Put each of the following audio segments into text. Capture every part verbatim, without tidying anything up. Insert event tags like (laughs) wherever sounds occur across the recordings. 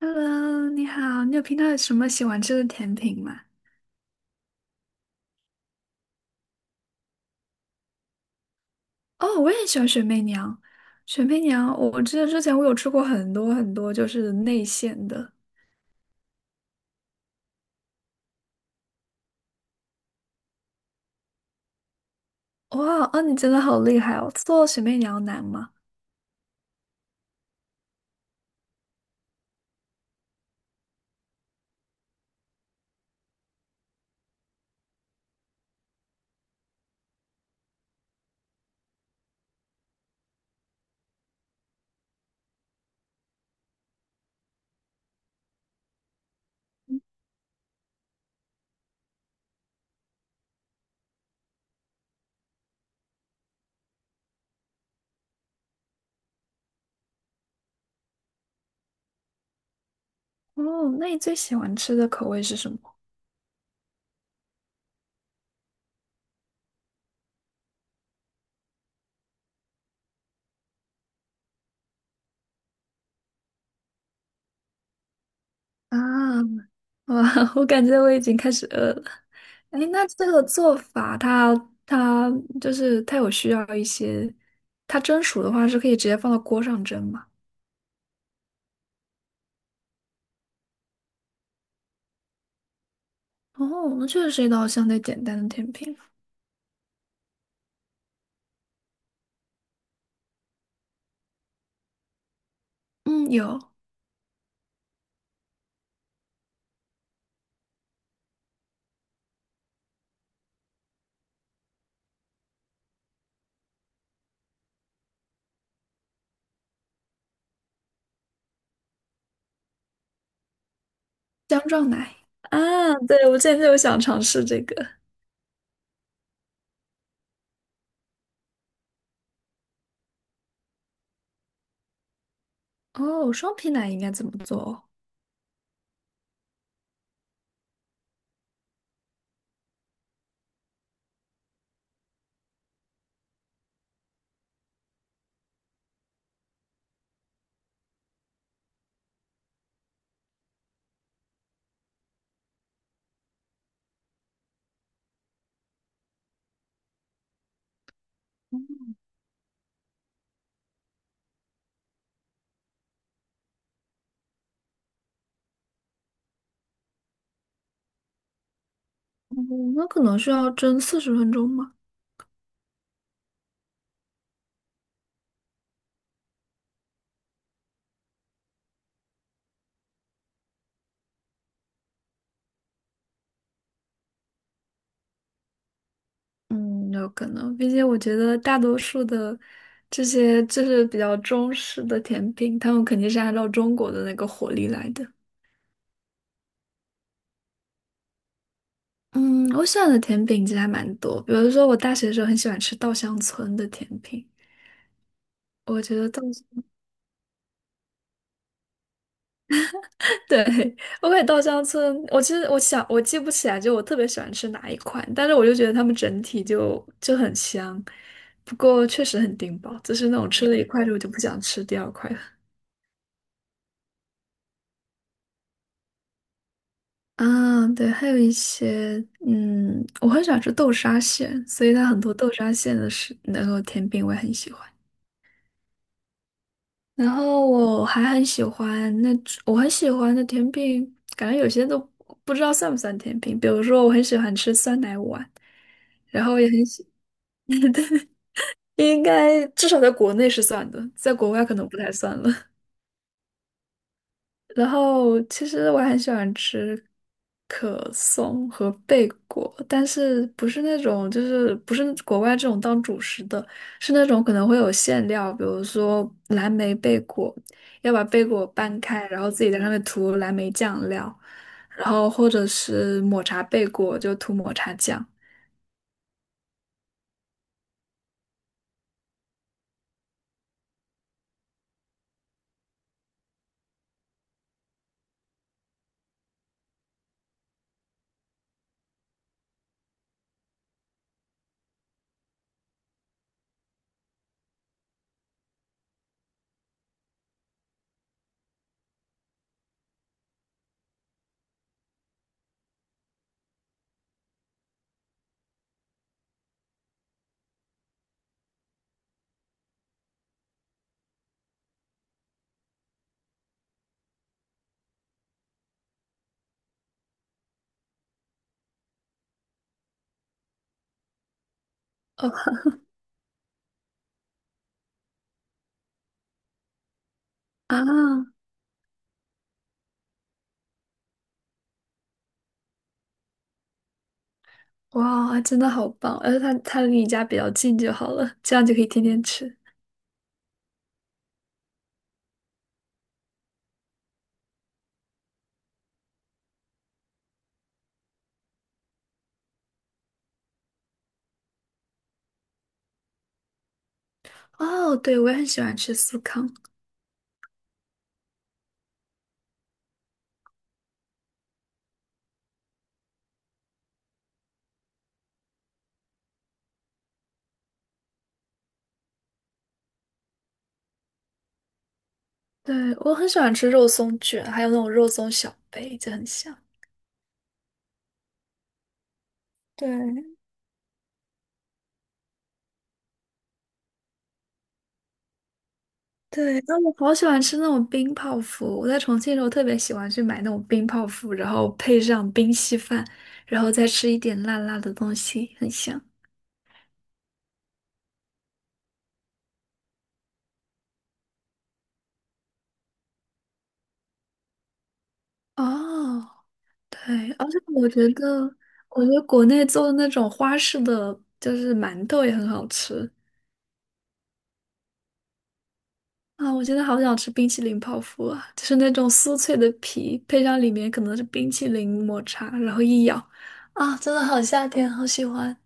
Hello，你好，你有平常有什么喜欢吃的甜品吗？哦，我也喜欢雪媚娘。雪媚娘，我记得之前我有吃过很多很多，就是内馅的。哇，哦，你真的好厉害哦！做雪媚娘难吗？哦，那你最喜欢吃的口味是什么？啊，哇，(laughs) 我感觉我已经开始饿了。哎，那这个做法它，它就是它有需要一些，它蒸熟的话是可以直接放到锅上蒸吗？哦，那确实是一道相对简单的甜品。嗯，有姜撞奶。啊，对，我之前就想尝试这个。哦，双皮奶应该怎么做？哦，嗯那可能需要蒸四十分钟吗？嗯，有可能，并且我觉得大多数的这些就是比较中式的甜品，他们肯定是按照中国的那个火力来的。嗯，我喜欢的甜品其实还蛮多，比如说我大学的时候很喜欢吃稻香村的甜品，我觉得稻 (laughs) 对，我感觉稻香村，我其实我想我记不起来，就我特别喜欢吃哪一款，但是我就觉得他们整体就就很香，不过确实很顶饱，就是那种吃了一块之后就不想吃第二块了。啊，对，还有一些，嗯，我很喜欢吃豆沙馅，所以它很多豆沙馅的是那个甜品我也很喜欢。然后我还很喜欢那种，我很喜欢的甜品，感觉有些都不知道算不算甜品，比如说我很喜欢吃酸奶碗。然后也很喜，应该至少在国内是算的，在国外可能不太算了。(laughs) 然后其实我很喜欢吃可颂和贝果，但是不是那种就是不是国外这种当主食的，是那种可能会有馅料，比如说蓝莓贝果，要把贝果掰开，然后自己在上面涂蓝莓酱料，然后或者是抹茶贝果就涂抹茶酱。(laughs) 哦啊。哇，真的好棒！而且它它离你家比较近就好了，这样就可以天天吃。哦，对，我也很喜欢吃司康，对，我很喜欢吃肉松卷，还有那种肉松小杯，就很香。对，对，然后我好喜欢吃那种冰泡芙。我在重庆的时候特别喜欢去买那种冰泡芙，然后配上冰稀饭，然后再吃一点辣辣的东西，很香。哦，对，而且我觉得，我觉得国内做的那种花式的就是馒头也很好吃。啊，我现在好想吃冰淇淋泡芙啊，就是那种酥脆的皮，配上里面可能是冰淇淋抹茶，然后一咬，啊，真的好夏天，好喜欢。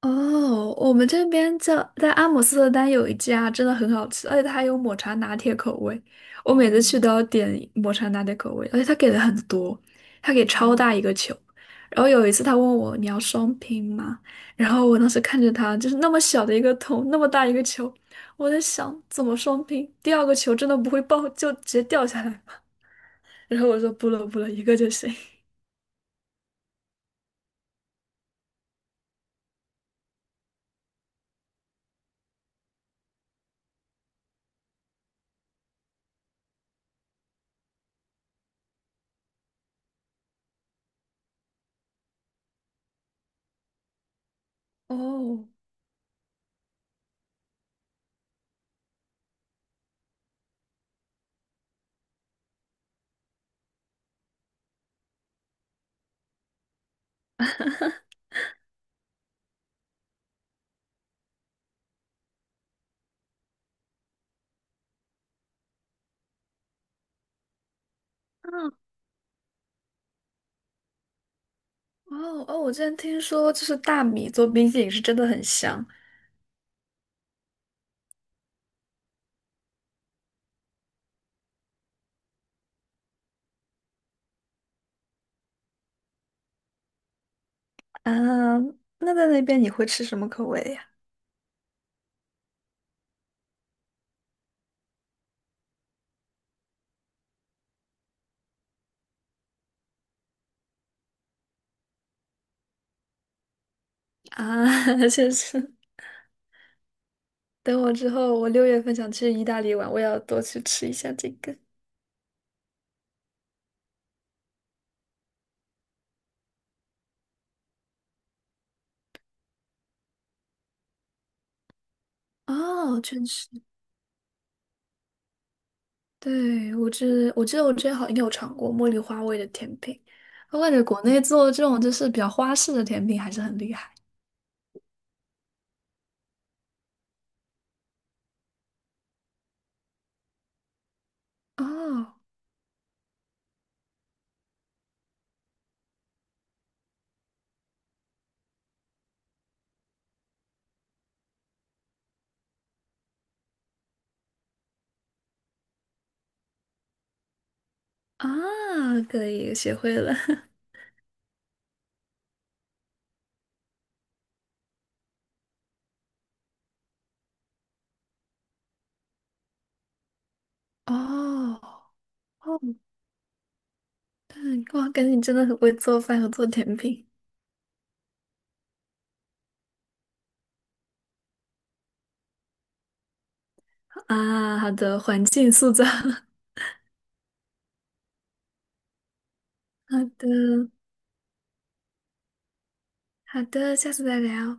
哦，我们这边在在阿姆斯特丹有一家真的很好吃，而且它还有抹茶拿铁口味。我每次去都要点抹茶拿铁口味，而且它给的很多，它给超大一个球。然后有一次他问我你要双拼吗？然后我当时看着他就是那么小的一个桶，那么大一个球，我在想怎么双拼？第二个球真的不会爆就直接掉下来吗 (laughs) 然后我说不了不了，一个就行。哦。嗯，哦哦，我之前听说，就是大米做冰淇淋是真的很香，啊，那在那边你会吃什么口味呀？啊，(laughs) 确实，等我之后，我六月份想去意大利玩，我要多去吃一下这个。哦，确实，对，我记，我记得我之前好像应该有尝过茉莉花味的甜品，我感觉国内做这种就是比较花式的甜品还是很厉害。哦，啊，可以，学会了。(laughs) 哦，哦，对，哇，感觉你真的很会做饭和做甜品啊！好的，环境塑造，(laughs) 好的。好的，下次再聊。